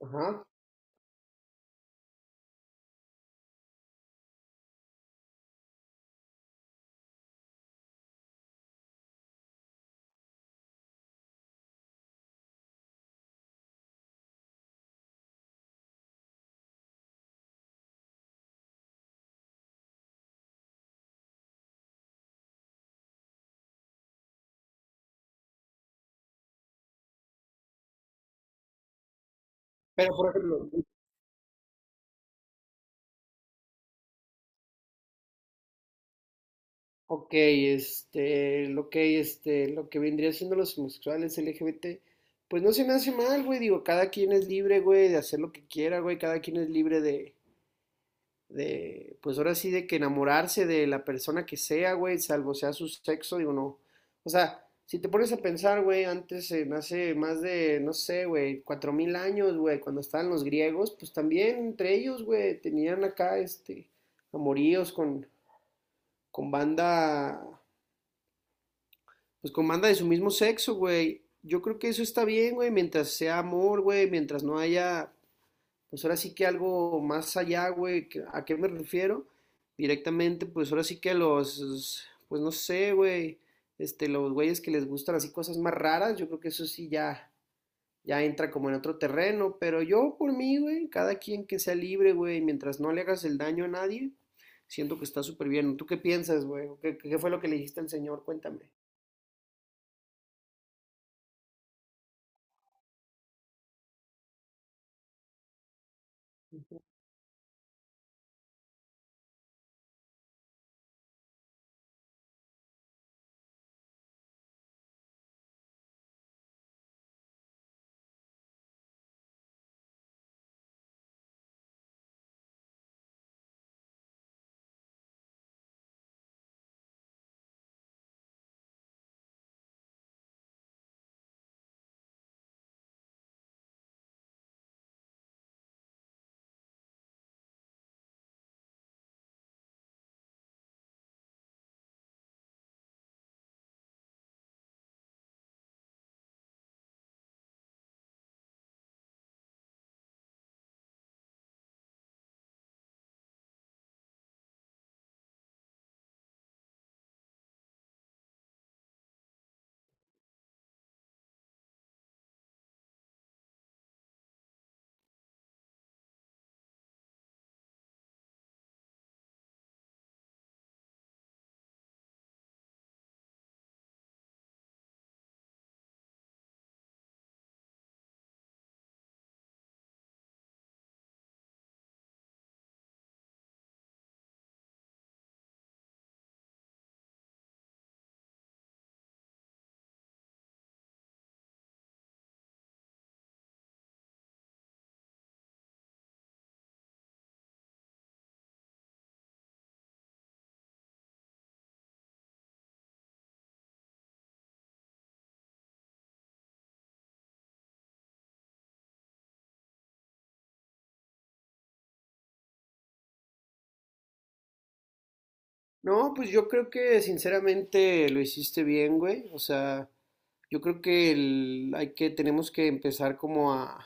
Ajá. Pero por ejemplo, ok, lo que vendría siendo los homosexuales LGBT, pues no se me hace mal, güey, digo, cada quien es libre, güey, de hacer lo que quiera, güey, cada quien es libre de, pues ahora sí, de que enamorarse de la persona que sea, güey, salvo sea su sexo, digo, no. O sea, si te pones a pensar, güey, antes, hace más de, no sé, güey, 4.000 años, güey, cuando estaban los griegos, pues también entre ellos, güey, tenían acá, amoríos con banda, pues con banda de su mismo sexo, güey. Yo creo que eso está bien, güey, mientras sea amor, güey, mientras no haya, pues ahora sí que algo más allá, güey, ¿a qué me refiero? Directamente, pues ahora sí que los, pues no sé, güey, los güeyes que les gustan así cosas más raras, yo creo que eso sí ya, ya entra como en otro terreno, pero yo por mí, güey, cada quien que sea libre, güey, mientras no le hagas el daño a nadie, siento que está súper bien. ¿Tú qué piensas, güey? ¿Qué fue lo que le dijiste al Señor? Cuéntame. No, pues yo creo que sinceramente lo hiciste bien, güey. O sea, yo creo que tenemos que empezar como a,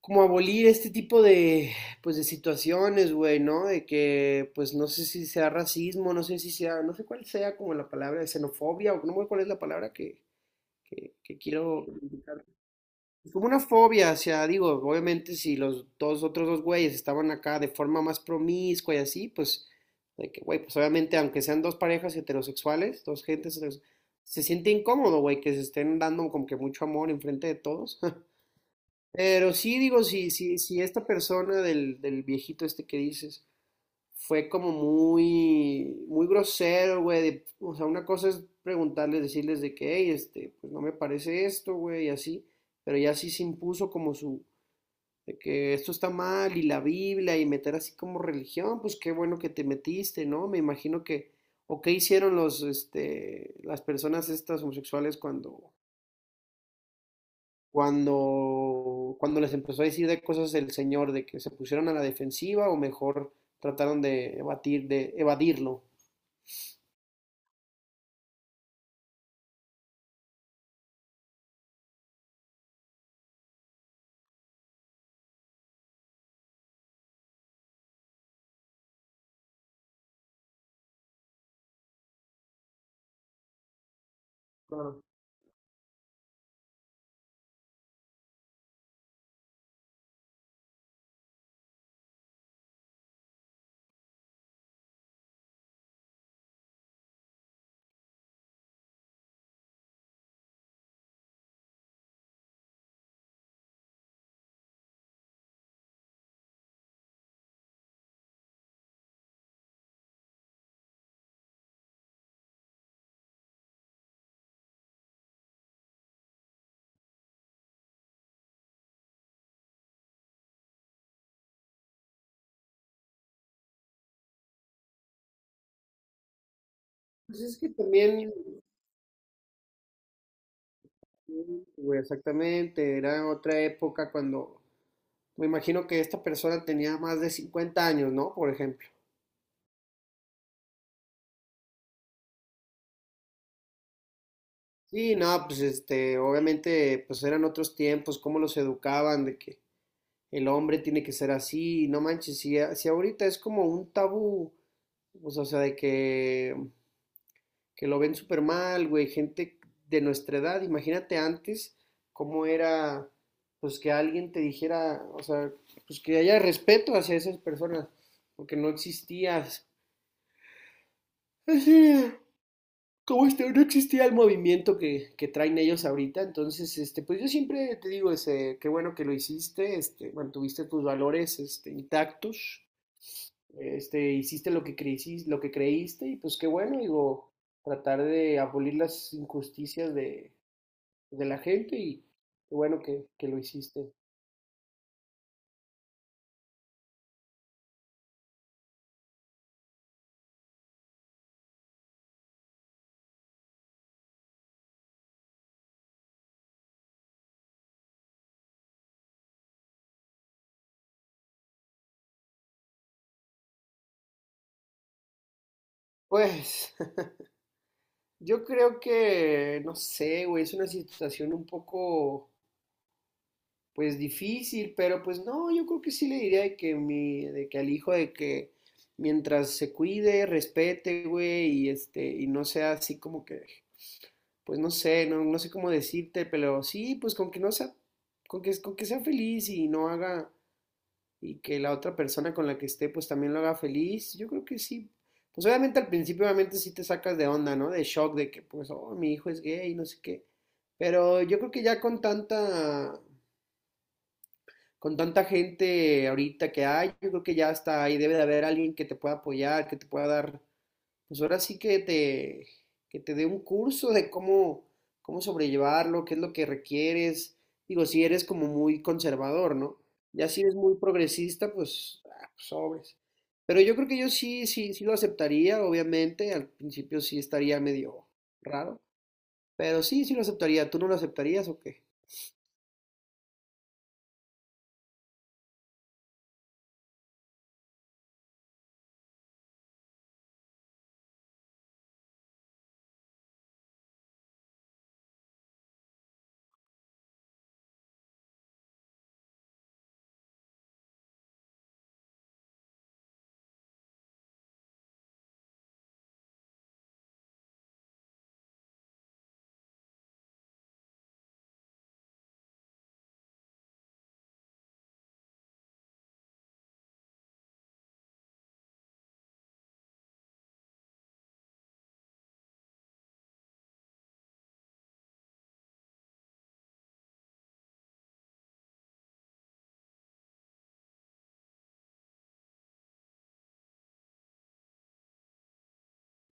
como a abolir este tipo de, pues de situaciones, güey, ¿no? De que, pues no sé si sea racismo, no sé si sea, no sé cuál sea como la palabra, xenofobia, o no sé cuál es la palabra que quiero identificar. Es como una fobia, o sea, digo, obviamente si los dos otros dos güeyes estaban acá de forma más promiscua y así, pues, de que, güey, pues obviamente aunque sean dos parejas heterosexuales, dos gentes heterosexuales, se siente incómodo, güey, que se estén dando como que mucho amor enfrente de todos. Pero sí, digo, si esta persona del viejito este que dices, fue como muy, muy grosero, güey. O sea, una cosa es preguntarles, decirles de que, hey, pues no me parece esto, güey, y así. Pero ya sí se impuso como su, de que esto está mal y la Biblia y meter así como religión, pues qué bueno que te metiste, ¿no? Me imagino que, o qué hicieron los, las personas estas homosexuales cuando, les empezó a decir de cosas el Señor, de que se pusieron a la defensiva o mejor trataron de evadirlo. Claro. Pues es que también, sí, güey, exactamente, era otra época cuando me imagino que esta persona tenía más de 50 años, ¿no? Por ejemplo. Sí, no, pues obviamente, pues eran otros tiempos, cómo los educaban, de que el hombre tiene que ser así, no manches, si ahorita es como un tabú, pues, o sea, de que lo ven súper mal, güey, gente de nuestra edad, imagínate antes cómo era, pues que alguien te dijera, o sea, pues que haya respeto hacia esas personas, porque no existía, así, como no existía el movimiento que traen ellos ahorita, entonces, pues yo siempre te digo, ese, qué bueno que lo hiciste, mantuviste tus valores, intactos, hiciste lo que creíste, y pues qué bueno, digo, tratar de abolir las injusticias de la gente y qué bueno que lo hiciste. Pues yo creo que, no sé, güey, es una situación un poco, pues difícil, pero pues no, yo creo que sí le diría de que al hijo de que mientras se cuide, respete, güey, y y no sea así como que, pues no sé, no, no sé cómo decirte, pero sí, pues con que no sea, con que sea feliz y no haga y que la otra persona con la que esté pues también lo haga feliz, yo creo que sí. Pues obviamente al principio obviamente sí te sacas de onda, ¿no? De shock de que pues, oh, mi hijo es gay, no sé qué. Pero yo creo que ya con tanta gente ahorita que hay, yo creo que ya hasta ahí debe de haber alguien que te pueda apoyar, que te pueda dar pues ahora sí que te dé un curso de cómo sobrellevarlo, qué es lo que requieres. Digo, si eres como muy conservador, ¿no? Ya si eres muy progresista, pues, ah, pues, sobres. Pero yo creo que yo sí, sí, sí lo aceptaría, obviamente. Al principio sí estaría medio raro, pero sí, sí lo aceptaría. ¿Tú no lo aceptarías o qué?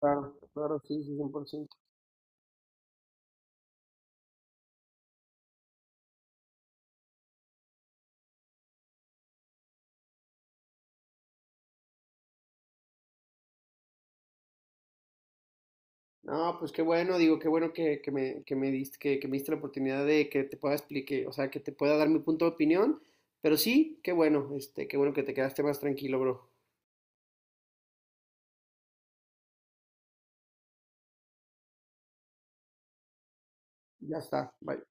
Claro, claro, sí, sí, 100%. No, pues qué bueno, digo, qué bueno que me diste la oportunidad de que te pueda explicar, o sea, que te pueda dar mi punto de opinión, pero sí, qué bueno, qué bueno que te quedaste más tranquilo, bro. Ya está, bye.